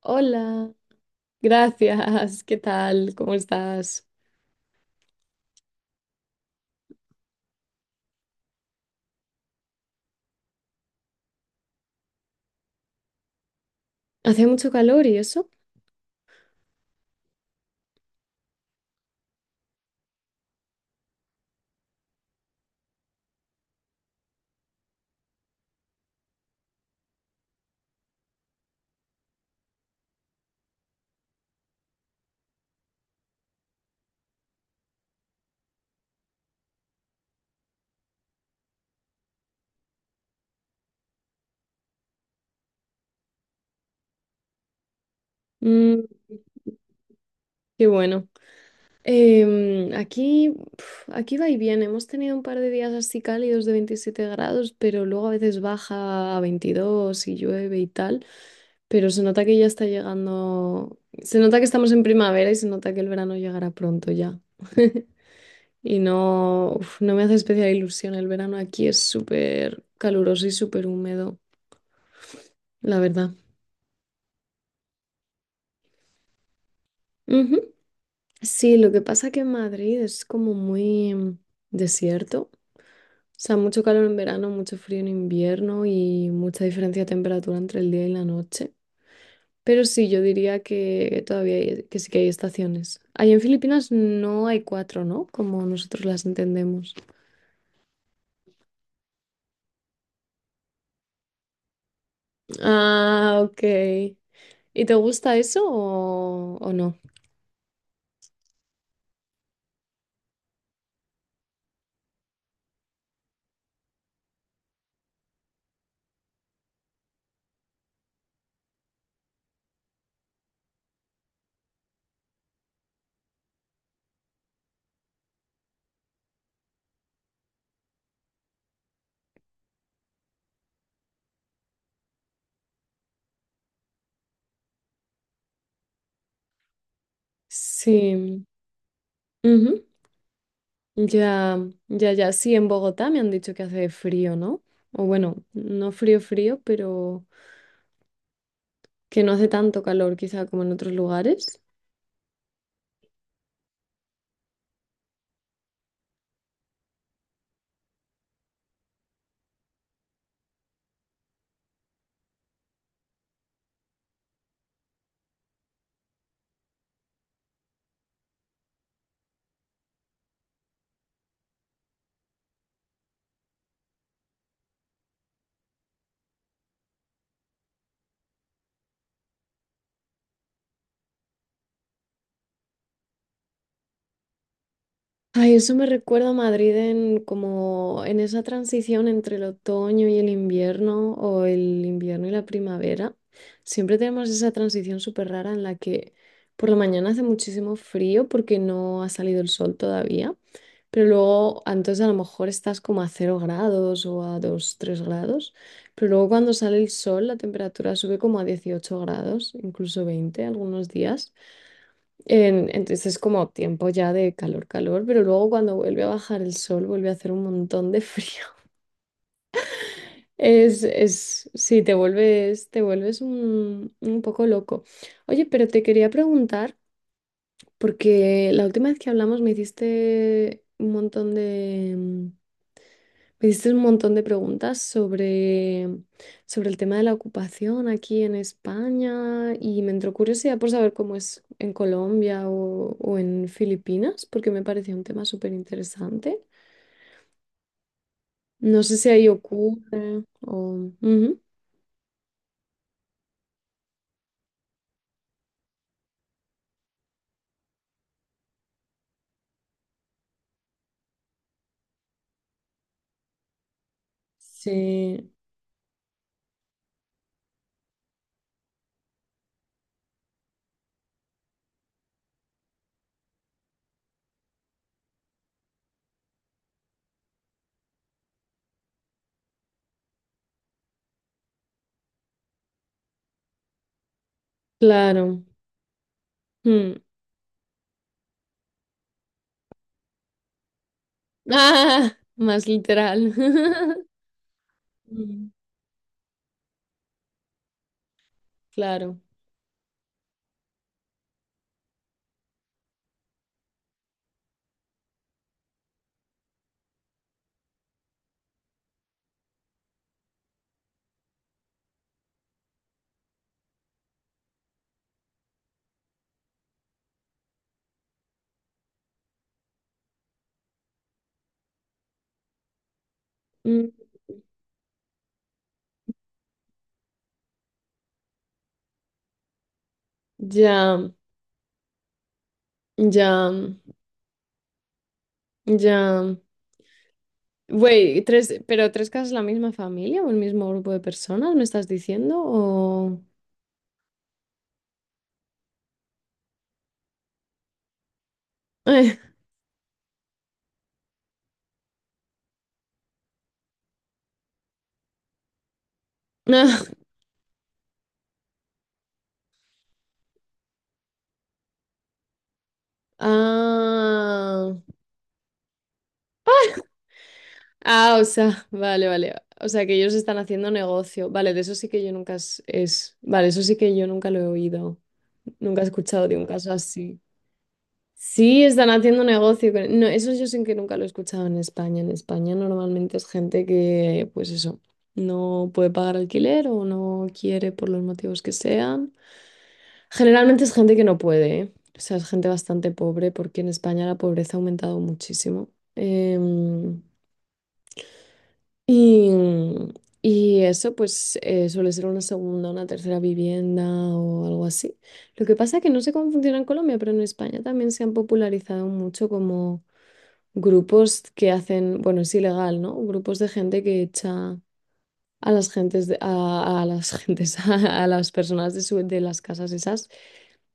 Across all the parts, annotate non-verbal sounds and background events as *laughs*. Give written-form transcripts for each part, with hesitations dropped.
Hola, gracias, ¿qué tal? ¿Cómo estás? Hace mucho calor y eso. Mm, qué bueno. Aquí, pf, aquí va y viene. Hemos tenido un par de días así cálidos de 27 grados, pero luego a veces baja a 22 y llueve y tal. Pero se nota que ya está llegando. Se nota que estamos en primavera y se nota que el verano llegará pronto ya. *laughs* Y no, uf, no me hace especial ilusión. El verano aquí es súper caluroso y súper húmedo, la verdad. Sí, lo que pasa que en Madrid es como muy desierto. O sea, mucho calor en verano, mucho frío en invierno y mucha diferencia de temperatura entre el día y la noche. Pero sí, yo diría que que sí que hay estaciones. Ahí en Filipinas no hay cuatro, ¿no? Como nosotros las entendemos. Ah, ok. ¿Y te gusta eso o no? Sí. Ujú. Ya, ya. Sí, en Bogotá me han dicho que hace frío, ¿no? O bueno, no frío, frío, pero que no hace tanto calor quizá como en otros lugares. Ay, eso me recuerda a Madrid en como en esa transición entre el otoño y el invierno o el invierno y la primavera. Siempre tenemos esa transición súper rara en la que por la mañana hace muchísimo frío porque no ha salido el sol todavía, pero luego entonces a lo mejor estás como a 0 grados o a 2 3 grados, pero luego cuando sale el sol la temperatura sube como a 18 grados, incluso 20 algunos días. Entonces es como tiempo ya de calor, calor, pero luego cuando vuelve a bajar el sol vuelve a hacer un montón de frío. *laughs* Sí, te vuelves un poco loco. Oye, pero te quería preguntar, porque la última vez que hablamos me hiciste un montón de preguntas sobre el tema de la ocupación aquí en España y me entró curiosidad por saber cómo es en Colombia o en Filipinas, porque me parecía un tema súper interesante. No sé si ahí ocurre o... Ujú. Sí, claro. Mm. Ah, más literal. *laughs* Mm, claro. Mm, ya, ya, ya. Güey, tres, pero tres casas la misma familia o el mismo grupo de personas, ¿me estás diciendo? O... Eh, *laughs* no. Ah, ah, o sea, vale, vale. O sea, que ellos están haciendo negocio. Vale, de eso sí que yo nunca es, es- Vale, eso sí que yo nunca lo he oído. Nunca he escuchado de un caso así. Sí, están haciendo No, eso yo sí que nunca lo he escuchado en España. En España normalmente es gente que, pues eso, no puede pagar alquiler o no quiere por los motivos que sean. Generalmente es gente que no puede, ¿eh? O sea, es gente bastante pobre porque en España la pobreza ha aumentado muchísimo. Em, y, y eso pues suele ser una segunda, una tercera vivienda o algo así. Lo que pasa es que no sé cómo funciona en Colombia, pero en España también se han popularizado mucho como grupos que hacen, bueno, es ilegal, ¿no? Grupos de gente que echa a las gentes, de- a las gentes, *laughs* a, las personas de las casas esas.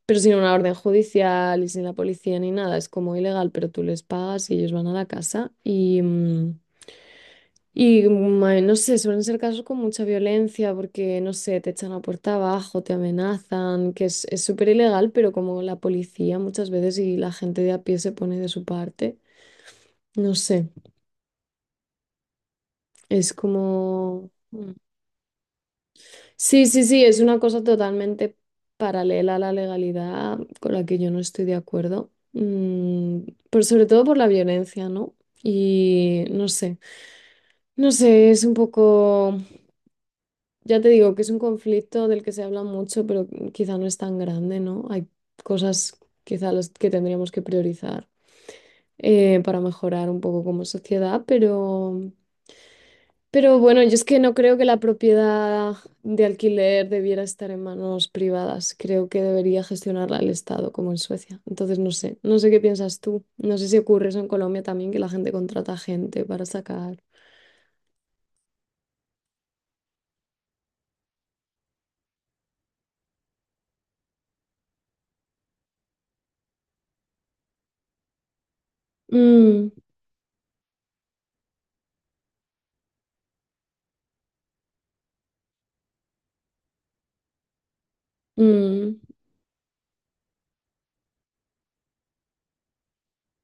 Pero sin una orden judicial y sin la policía ni nada, es como ilegal, pero tú les pagas y ellos van a la casa. Y, mm, no sé, suelen ser casos con mucha violencia porque, no sé, te echan la puerta abajo, te amenazan, que es súper ilegal, pero como la policía muchas veces y la gente de a pie se pone de su parte, no sé, es como... mm, sí, sí, sí, es una cosa totalmente paralela a la legalidad con la que yo no estoy de acuerdo. Mm, pero sobre todo por la violencia, ¿no? Y no sé, no sé, es un poco, ya te digo que es un conflicto del que se habla mucho, pero quizá no es tan grande, ¿no? Hay cosas quizá las que tendríamos que priorizar para mejorar un poco como sociedad. Pero bueno, yo es que no creo que la propiedad de alquiler debiera estar en manos privadas. Creo que debería gestionarla el Estado, como en Suecia. Entonces, no sé, no sé qué piensas tú. No sé si ocurre eso en Colombia también, que la gente contrata gente para sacar. Mm, mm,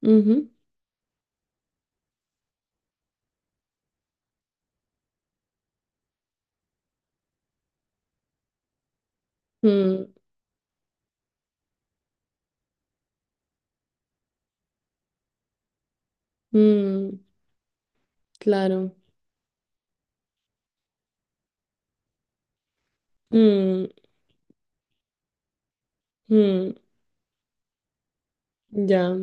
ujú, mm, mm, claro. Mm, mm, ya.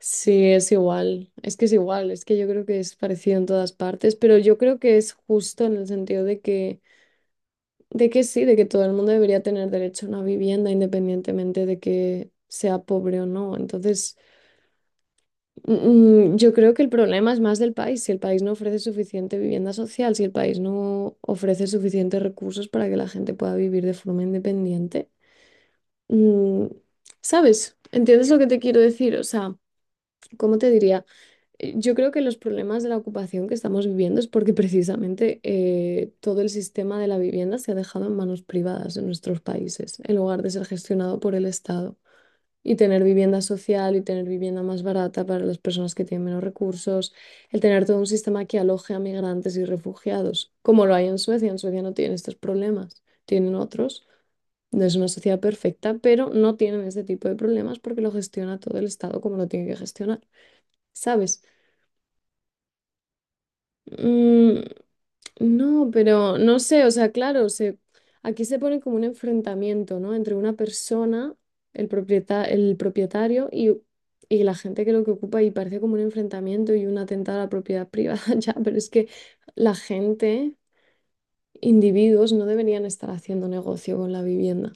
Sí, es igual. Es que es igual. Es que yo creo que es parecido en todas partes, pero yo creo que es justo en el sentido de que sí, de que todo el mundo debería tener derecho a una vivienda independientemente de que sea pobre o no. Entonces, mm, mm, yo creo que el problema es más del país. Si el país no ofrece suficiente vivienda social, si el país no ofrece suficientes recursos para que la gente pueda vivir de forma independiente, mm, ¿sabes? ¿Entiendes lo que te quiero decir? O sea, ¿cómo te diría? Yo creo que los problemas de la ocupación que estamos viviendo es porque precisamente todo el sistema de la vivienda se ha dejado en manos privadas en nuestros países, en lugar de ser gestionado por el Estado. Y tener vivienda social y tener vivienda más barata para las personas que tienen menos recursos, el tener todo un sistema que aloje a migrantes y refugiados, como lo hay en Suecia. En Suecia no tienen estos problemas, tienen otros. No es una sociedad perfecta, pero no tienen este tipo de problemas porque lo gestiona todo el Estado como lo tiene que gestionar, ¿sabes? Mm, no, pero no sé, o sea, claro, se, aquí se pone como un enfrentamiento, ¿no? Entre una persona, el propietario y la gente que lo que ocupa y parece como un enfrentamiento y un atentado a la propiedad privada, *laughs* ya, pero es que la gente, individuos, no deberían estar haciendo negocio con la vivienda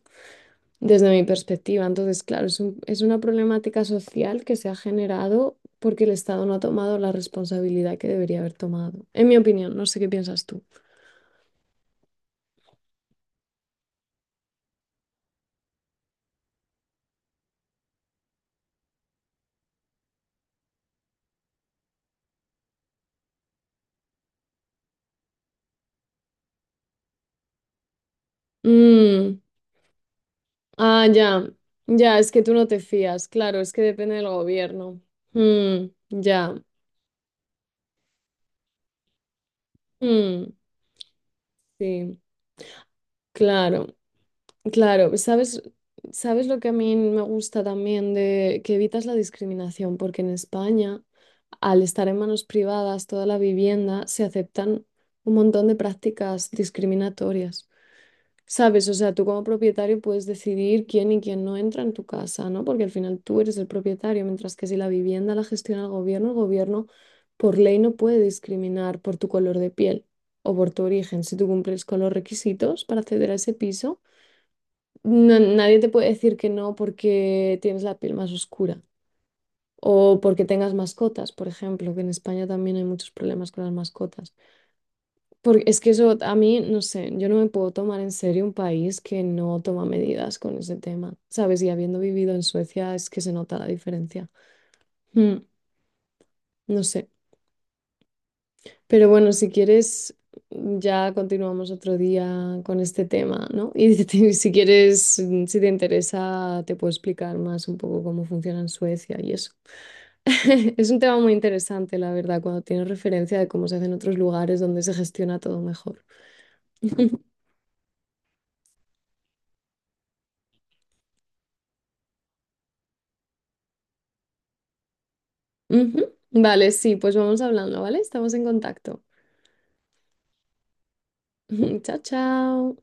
desde mi perspectiva. Entonces, claro, es una problemática social que se ha generado porque el Estado no ha tomado la responsabilidad que debería haber tomado. En mi opinión, no sé qué piensas tú. Mm, ah, ya, ya, es que tú no te fías, claro, es que depende del gobierno. Mm, ya, mm, sí, claro. Claro, pues, ¿sabes lo que a mí me gusta también de que evitas la discriminación? Porque en España, al estar en manos privadas toda la vivienda, se aceptan un montón de prácticas discriminatorias. ¿Sabes? O sea, tú como propietario puedes decidir quién y quién no entra en tu casa, ¿no? Porque al final tú eres el propietario, mientras que si la vivienda la gestiona el gobierno por ley no puede discriminar por tu color de piel o por tu origen. Si tú cumples con los requisitos para acceder a ese piso, nadie te puede decir que no porque tienes la piel más oscura o porque tengas mascotas, por ejemplo, que en España también hay muchos problemas con las mascotas. Porque es que eso a mí, no sé, yo no me puedo tomar en serio un país que no toma medidas con ese tema, ¿sabes? Y habiendo vivido en Suecia es que se nota la diferencia. Mm, no sé. Pero bueno, si quieres, ya continuamos otro día con este tema, ¿no? *laughs* Si quieres, mm, si te interesa, te puedo explicar más un poco cómo funciona en Suecia y eso. *laughs* Es un tema muy interesante, la verdad, cuando tienes referencia de cómo se hace en otros lugares donde se gestiona todo mejor. Ujú. Vale, sí, pues vamos hablando, ¿vale? Estamos en contacto. *laughs* Chao, chao.